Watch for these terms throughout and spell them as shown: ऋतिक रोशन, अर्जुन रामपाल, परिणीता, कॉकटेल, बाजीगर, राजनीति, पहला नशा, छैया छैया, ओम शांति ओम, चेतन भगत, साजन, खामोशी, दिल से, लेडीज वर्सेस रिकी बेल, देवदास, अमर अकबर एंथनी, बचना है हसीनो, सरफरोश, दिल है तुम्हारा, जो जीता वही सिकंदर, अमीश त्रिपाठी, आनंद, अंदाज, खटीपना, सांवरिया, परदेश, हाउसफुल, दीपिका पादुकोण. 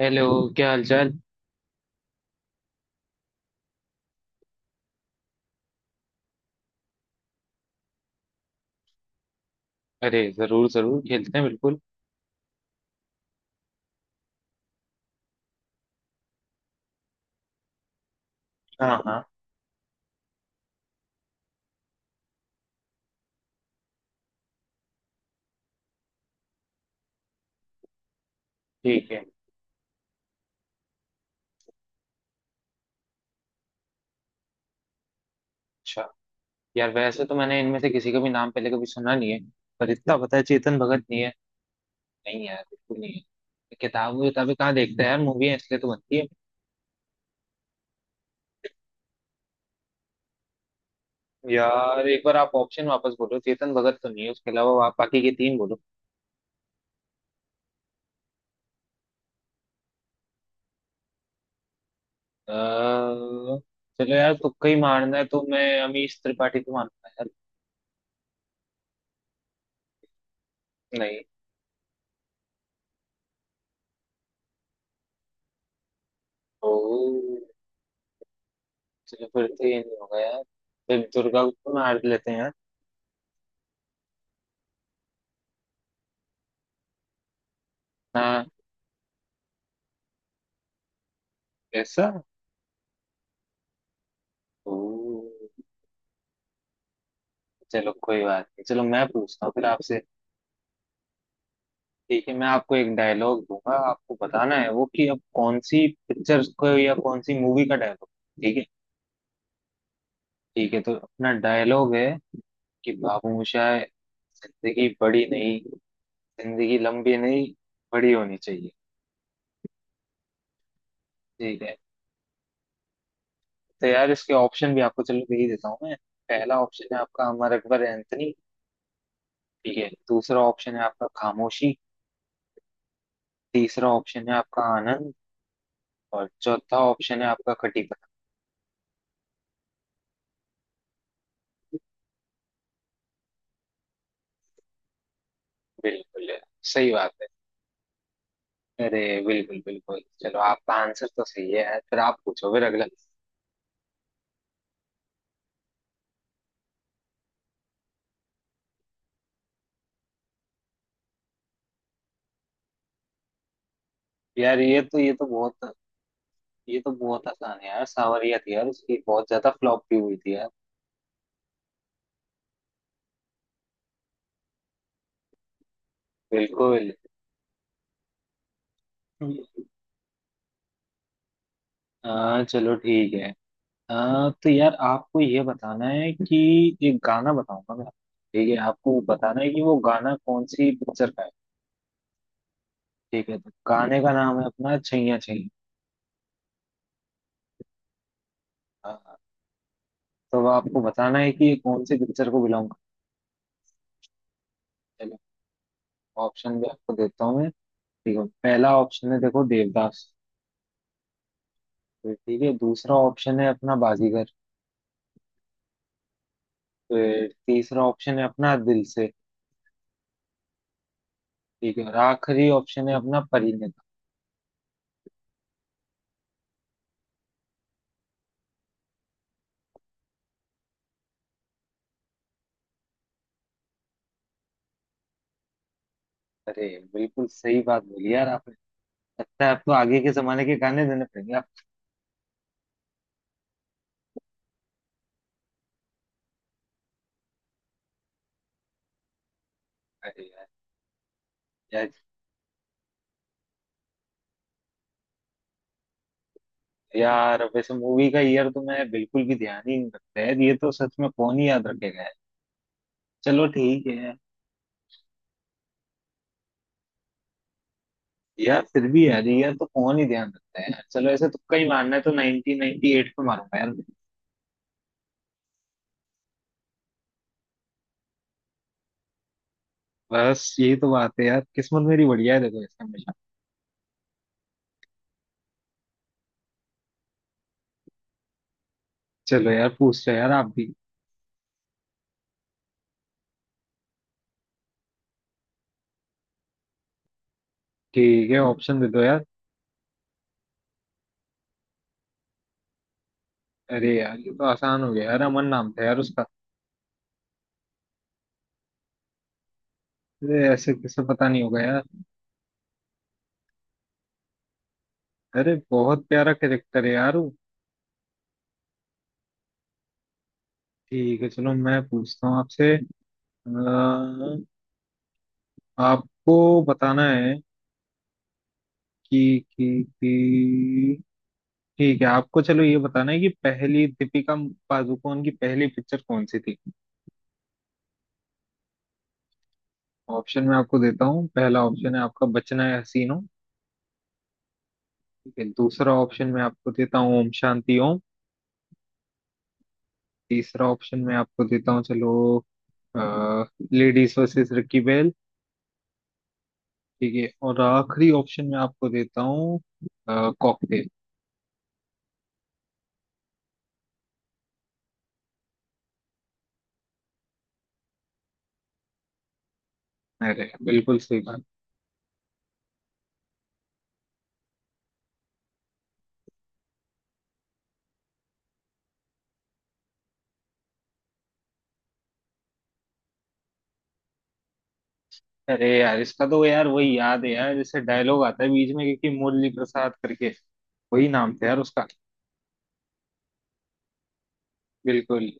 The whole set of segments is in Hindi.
हेलो। क्या हालचाल। अरे जरूर जरूर खेलते हैं बिल्कुल। ठीक है। अच्छा। यार वैसे तो मैंने इनमें से किसी का भी नाम पहले कभी सुना नहीं है। पर इतना पता है चेतन भगत नहीं है। नहीं यार बिल्कुल नहीं है। किताबें कहाँ देखते हैं यार। मूवी है इसलिए तो बनती है। यार एक बार आप ऑप्शन वापस बोलो। चेतन भगत तो नहीं है, उसके अलावा आप बाकी के तीन बोलो। अ, चलो यार तुक्का ही मारना है तो मैं अमीश त्रिपाठी को मानता यार। नहीं। ओ, चलो फिर तो ये नहीं होगा यार। फिर दुर्गा को तो मार लेते हैं यार। हाँ। ऐसा। ओह, चलो कोई बात नहीं। चलो मैं पूछता हूँ फिर आपसे। ठीक है मैं आपको एक डायलॉग दूंगा। आपको बताना है वो कि अब कौन सी पिक्चर को या कौन सी मूवी का डायलॉग। ठीक है। ठीक है तो अपना डायलॉग है कि बाबू मोशाय, जिंदगी बड़ी नहीं, जिंदगी लंबी नहीं, बड़ी होनी चाहिए। ठीक है तो यार इसके ऑप्शन भी आपको चलो दे ही देता हूँ मैं। पहला ऑप्शन है आपका अमर अकबर एंथनी। ठीक है दूसरा ऑप्शन है आपका खामोशी। तीसरा ऑप्शन है आपका आनंद। और चौथा ऑप्शन है आपका खटीपना। बिल्कुल। सही बात है। अरे बिल्कुल बिल्कुल, चलो आपका आंसर तो सही है यार। फिर आप पूछो फिर अगला। यार ये तो बहुत आसान है यार। सांवरिया थी यार, उसकी बहुत ज्यादा फ्लॉप भी हुई थी यार। बिल्कुल। चलो ठीक है। तो यार आपको ये बताना है कि एक गाना बताऊंगा मैं। ठीक है आपको बताना है कि वो गाना कौन सी पिक्चर का है। ठीक है तो गाने का नाम है अपना छैया छैया। हाँ, हाँ। तो अब आपको बताना है कि ये कौन से पिक्चर को बिलोंग करता है। ऑप्शन भी आपको देता हूँ मैं। ठीक है पहला ऑप्शन है देखो देवदास। फिर ठीक है दूसरा ऑप्शन है अपना बाजीगर। फिर तीसरा ऑप्शन है अपना दिल से। ठीक है और आखिरी ऑप्शन है अपना परिणीता। अरे बिल्कुल सही बात बोली यार आपने। लगता है आपको आगे के जमाने के गाने देने पड़ेंगे आप। अरे यार यार यार वैसे मूवी का ईयर तो मैं बिल्कुल भी ध्यान ही नहीं रखता है। ये तो सच में कौन ही याद रखेगा यार। चलो ठीक है। यार फिर भी यार ये तो कौन ही ध्यान रखता है यार। चलो ऐसे तुक्का ही मारना है तो 1998 पे मारूंगा यार। बस यही तो बात है यार, किस्मत मेरी बढ़िया है देखो इसका हमेशा। चलो यार पूछ लो यार आप भी। ठीक है ऑप्शन दे दो यार। अरे यार ये तो आसान हो गया यार, अमन नाम था यार उसका। अरे ऐसे किसे पता नहीं होगा यार। अरे बहुत प्यारा कैरेक्टर है यार वो। ठीक है चलो मैं पूछता हूँ आपसे। आपको बताना है कि कि कि ठीक है आपको चलो ये बताना है कि पहली दीपिका पादुकोण की पहली पिक्चर कौन सी थी। ऑप्शन मैं आपको देता हूँ, पहला ऑप्शन है आपका बचना है हसीनो। ठीक है दूसरा ऑप्शन मैं आपको देता हूँ ओम शांति ओम। तीसरा ऑप्शन मैं आपको देता हूँ, चलो, लेडीज वर्सेस रिकी बेल। ठीक है और आखिरी ऑप्शन मैं आपको देता हूँ कॉकटेल। अरे बिल्कुल सही बात। अरे यार इसका तो यार वही याद है यार, जैसे डायलॉग आता है बीच में, क्योंकि मुरली प्रसाद करके वही नाम था यार उसका। बिल्कुल।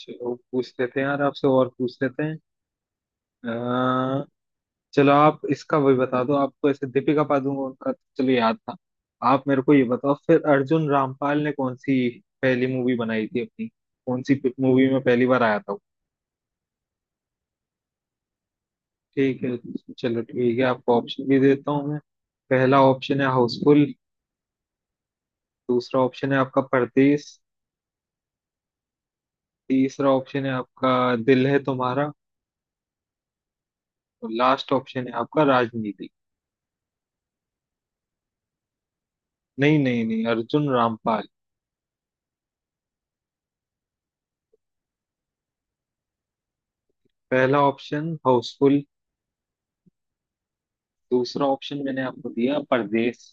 चलो पूछ लेते हैं यार आपसे और पूछ लेते हैं। अ, चलो आप इसका वही बता दो। आपको ऐसे दीपिका पादुकोण का तो चलो याद था। आप मेरे को ये बताओ फिर, अर्जुन रामपाल ने कौन सी पहली मूवी बनाई थी अपनी, कौन सी मूवी में पहली बार आया था वो? ठीक है चलो ठीक है आपको ऑप्शन भी देता हूँ मैं। पहला ऑप्शन है हाउसफुल। दूसरा ऑप्शन है आपका परदेश। तीसरा ऑप्शन है आपका दिल है तुम्हारा। और लास्ट ऑप्शन है आपका राजनीति। नहीं नहीं नहीं, अर्जुन रामपाल। पहला ऑप्शन हाउसफुल। दूसरा ऑप्शन मैंने आपको दिया परदेश।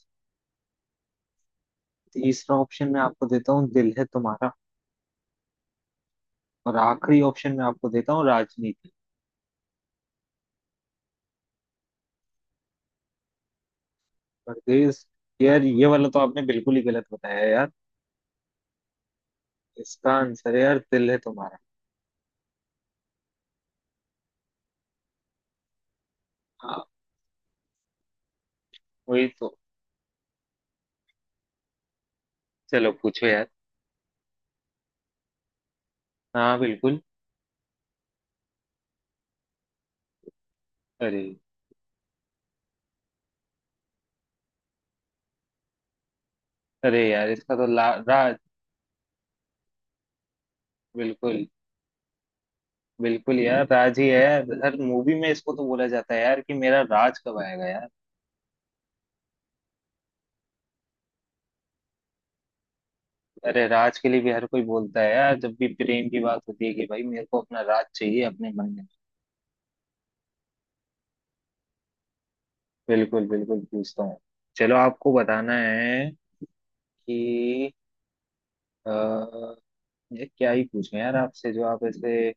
तीसरा ऑप्शन मैं आपको देता हूँ दिल है तुम्हारा। और आखिरी ऑप्शन मैं आपको देता हूँ राजनीति। परदेश? यार ये वाला तो आपने बिल्कुल ही गलत बताया यार। इसका आंसर है यार दिल है तुम्हारा। हाँ। वही तो। चलो पूछो यार। हाँ बिल्कुल। अरे। अरे यार इसका तो राज। बिल्कुल। बिल्कुल यार राज ही है यार, हर मूवी में इसको तो बोला जाता है यार कि मेरा राज कब आएगा यार। अरे राज के लिए भी हर कोई बोलता है यार, जब भी प्रेम की बात होती है कि भाई मेरे को अपना राज चाहिए अपने मन में। बिल्कुल बिल्कुल पूछता हूँ। चलो आपको बताना है कि आ, ये क्या ही पूछें यार आपसे, जो आप ऐसे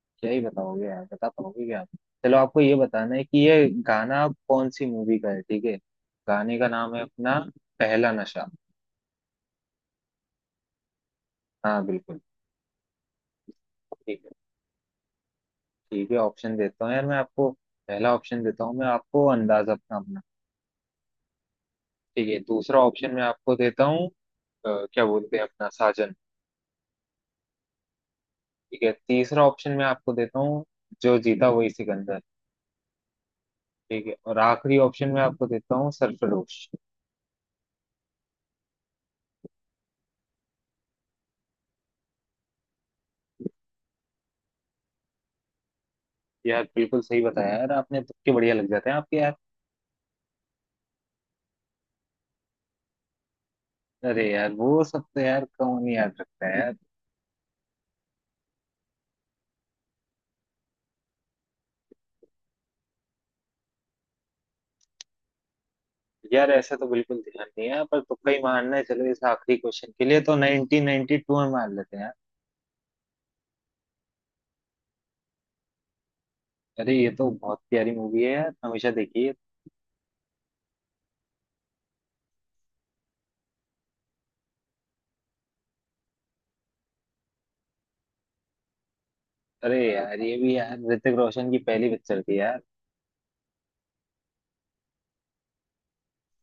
क्या ही बताओगे यार, बता पाओगे क्या आप। चलो आपको ये बताना है कि ये गाना कौन सी मूवी का है। ठीक है गाने का नाम है अपना पहला नशा। हाँ बिल्कुल। ठीक है। ठीक है ऑप्शन देता हूँ यार मैं आपको। पहला ऑप्शन देता हूँ मैं आपको अंदाज अपना। ठीक है दूसरा ऑप्शन मैं आपको देता हूँ क्या बोलते हैं अपना साजन। ठीक है तीसरा ऑप्शन मैं आपको देता हूँ जो जीता वही सिकंदर। ठीक है और आखिरी ऑप्शन मैं आपको देता हूँ सरफरोश। यार बिल्कुल सही बताया यार आपने, तुक्के बढ़िया लग जाते हैं आपके यार। अरे यार वो सब तो यार कौन ही याद रखता है यार। यार ऐसा तो बिल्कुल ध्यान नहीं है, पर तुक्का ही मारना है चलो इस आखिरी क्वेश्चन के लिए तो 1992 में मार लेते हैं यार। अरे ये तो बहुत प्यारी मूवी है यार, हमेशा देखिए। अरे यार ये भी यार ऋतिक रोशन की पहली पिक्चर थी यार।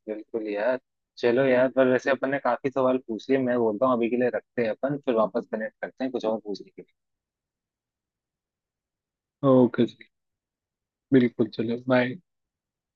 बिल्कुल यार। चलो यार पर वैसे अपन ने काफी सवाल पूछ लिए, मैं बोलता हूँ अभी के लिए रखते हैं, अपन फिर वापस कनेक्ट करते हैं कुछ और पूछने के लिए। ओके जी। बिल्कुल चलो बाय।